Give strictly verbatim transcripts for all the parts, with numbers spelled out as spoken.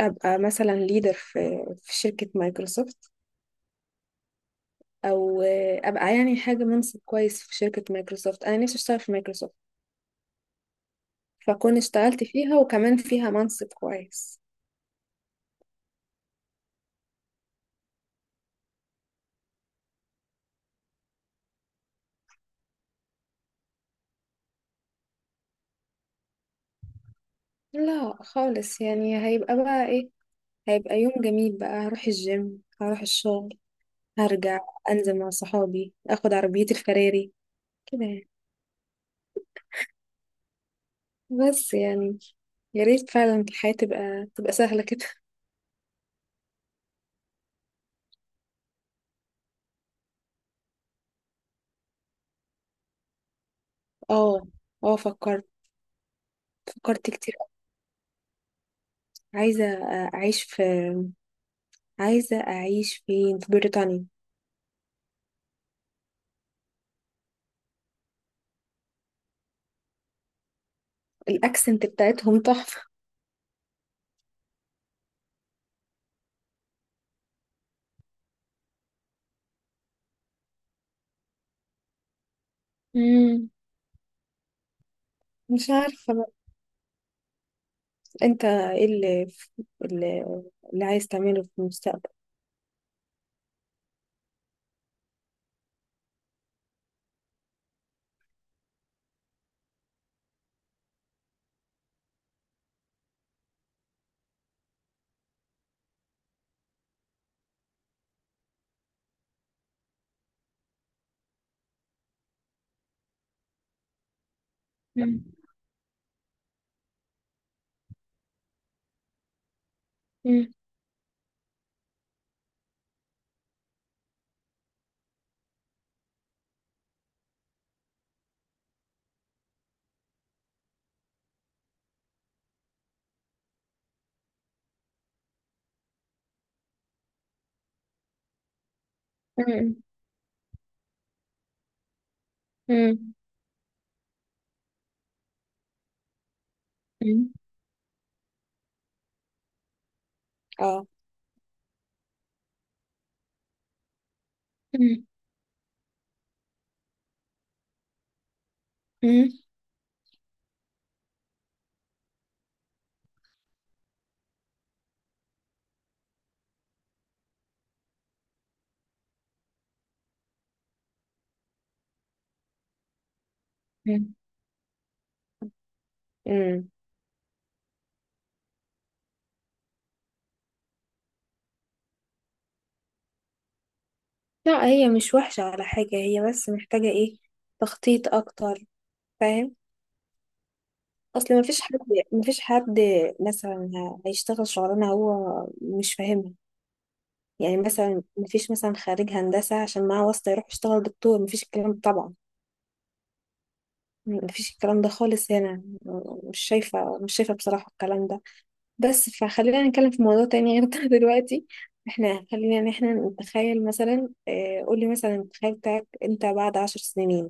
ابقى مثلا ليدر في في شركة مايكروسوفت، او ابقى يعني حاجة منصب كويس في شركة مايكروسوفت. انا نفسي اشتغل في مايكروسوفت، فكون اشتغلت فيها وكمان فيها منصب كويس. لا خالص، يعني هيبقى بقى ايه؟ هيبقى يوم جميل بقى، هروح الجيم، هروح الشغل، هرجع، انزل مع صحابي، اخد عربيتي الفراري كده يعني. بس يعني يا ريت فعلا الحياة تبقى تبقى سهلة كده. اه، اه، فكرت. فكرت كتير. عايزة أعيش في عايزة أعيش فين؟ في بريطانيا. الأكسنت بتاعتهم تحفة. امم مش عارفة بقى. أنت إيه اللي, اللي, اللي عايز تعمله في المستقبل؟ مم. مم. مم. مم. مم. اه. مم. مم. مم. امم لا، هي مش وحشة ولا حاجة، هي بس محتاجة إيه؟ تخطيط أكتر. فاهم؟ أصل مفيش حد مفيش حد مثلا هيشتغل شغلانة هو مش فاهمها. يعني مثلا مفيش مثلا خريج هندسة عشان معاه واسطة يروح يشتغل دكتور، مفيش الكلام ده طبعا. مفيش الكلام ده خالص هنا. مش شايفة مش شايفة بصراحة الكلام ده. بس فخلينا نتكلم في موضوع تاني غير ده دلوقتي. احنا خلينا ان احنا نتخيل، مثلا اه قولي مثلا التخيل بتاعك انت بعد عشر سنين،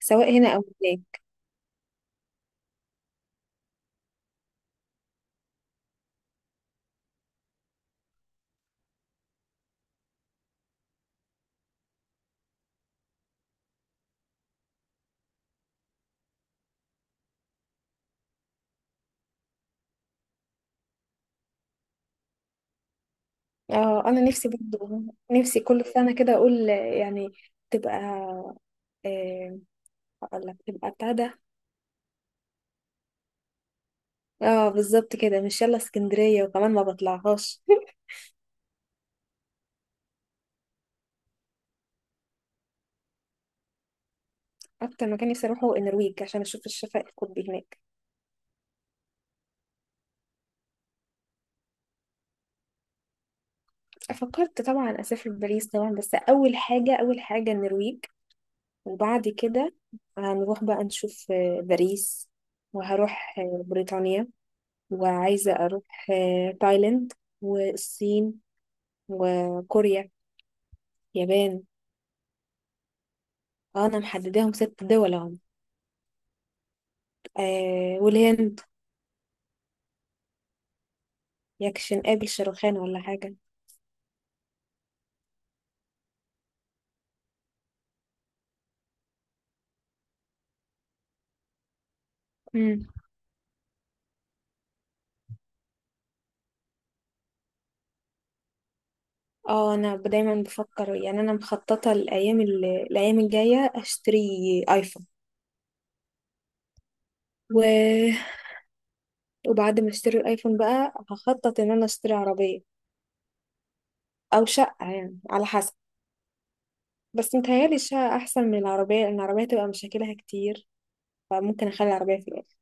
سواء هنا او هناك. اه، انا نفسي برضه، نفسي كل سنة كده اقول آه، يعني تبقى، اه، هقول لك تبقى بتاع ده. اه بالظبط كده، مش يلا اسكندرية وكمان ما بطلعهاش. اكتر مكان نفسي اروحه النرويج، عشان اشوف الشفق القطبي هناك. فكرت طبعا اسافر باريس طبعا، بس اول حاجه، اول حاجه النرويج، وبعد كده هنروح بقى نشوف آه، باريس، وهروح آه، بريطانيا، وعايزه اروح آه، تايلاند، والصين، وكوريا، يابان. آه، انا محدداهم ست دول اهو. آه والهند. يكشن قابل شاروخان ولا حاجه. اه، انا ب- دايما بفكر. يعني انا مخططه الايام ال- الايام الجايه اشتري ايفون و... وبعد ما اشتري الايفون بقى هخطط ان انا اشتري عربيه او شقه، يعني على حسب. بس متهيالي الشقه احسن من العربيه، لان العربيه تبقى مشاكلها كتير، فممكن اخلي العربيه في الاخر.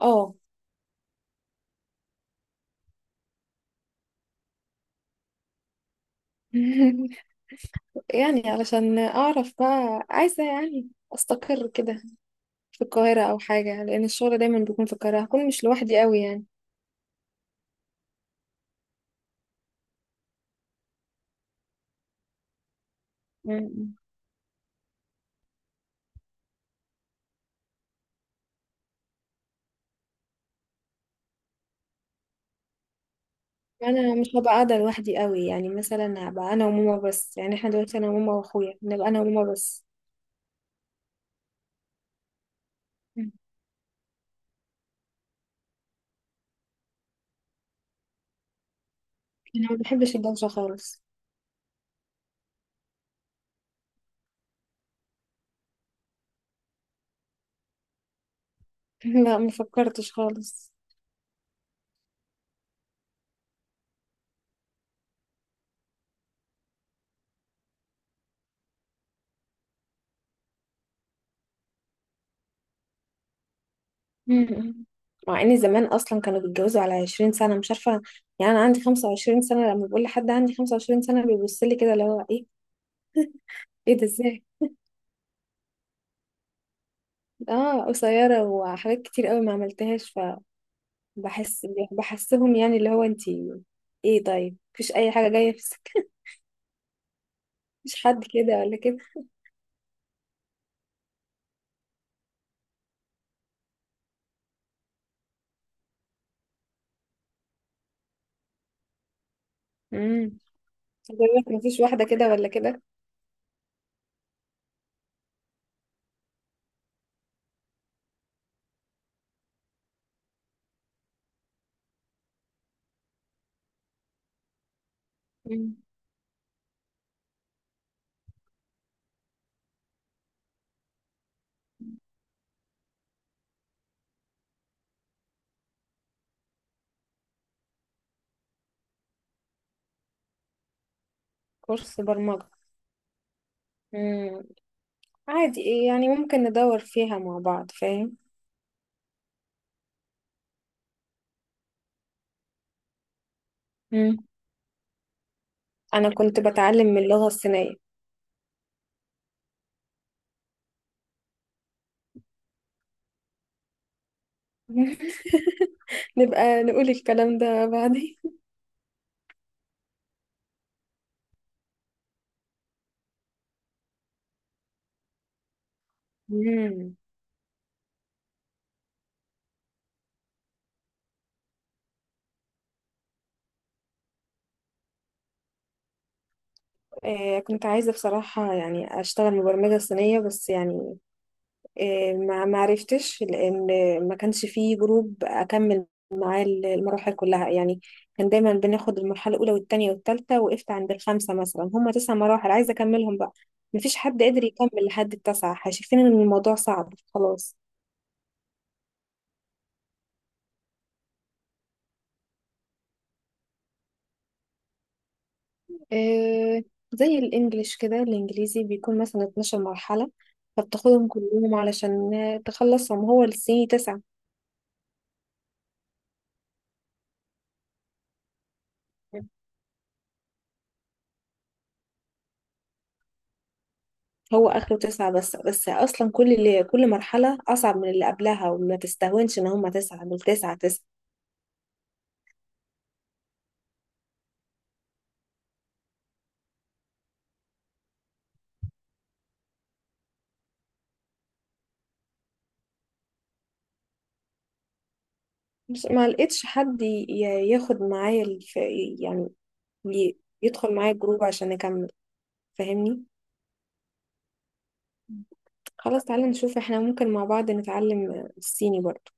اه يعني علشان اعرف بقى، عايزه يعني استقر كده في القاهره او حاجه، لان الشغل دايما بيكون في القاهره، هكون مش لوحدي قوي. يعني انا مش هبقى قاعده لوحدي قوي، يعني مثلا هبقى انا وماما بس، يعني احنا دلوقتي انا وماما واخويا، نبقى انا وماما بس. مم. انا ما بحبش الدوشه خالص. لا، ما فكرتش خالص. مم. مع ان زمان اصلا كانوا بيتجوزوا على عشرين سنة سنه مش عارفه. يعني انا عندي خمسة وعشرين سنة سنه، لما بقول لحد عندي خمسة وعشرين سنة سنه بيبص لي كده، اللي هو ايه؟ ايه ده ازاي؟ اه قصيره، وحاجات كتير قوي ما عملتهاش. فبحس، بحسهم يعني اللي هو انتي ايه؟ طيب مفيش اي حاجه جايه في السكه؟ مفيش حد كده ولا كده؟ مم. بقول لك مفيش واحدة كده ولا كده. مم. كورس برمجة؟ مم. عادي، إيه يعني؟ ممكن ندور فيها مع بعض، فاهم؟ مم. أنا كنت بتعلم من اللغة الصينية. نبقى نقول الكلام ده بعدين. مم. آه كنت عايزة بصراحة يعني أشتغل مبرمجة صينية، بس يعني آه، ما ما عرفتش، لان ما كانش فيه جروب اكمل معاه المراحل كلها يعني. كان دايما بناخد المرحله الاولى والثانيه والثالثه، وقفت عند الخمسه مثلا. هم تسع مراحل عايزه اكملهم بقى. ما فيش حد قادر يكمل لحد التاسعه، شايفين ان الموضوع صعب خلاص. آه، زي الانجليش كده، الانجليزي بيكون مثلا اتناشر مرحلة مرحله، فبتاخدهم كلهم علشان تخلصهم، هو السي تسعة. هو اخره تسعة، بس بس اصلا كل اللي كل مرحلة اصعب من اللي قبلها، وما تستهونش ان هما تسعة، دول تسعة تسعة. مش ما لقيتش حد ي- ي- ياخد معايا الف... يعني ي- يدخل معايا الجروب عشان اكمل. فاهمني؟ خلاص تعالى نشوف احنا ممكن مع بعض نتعلم الصيني برضه.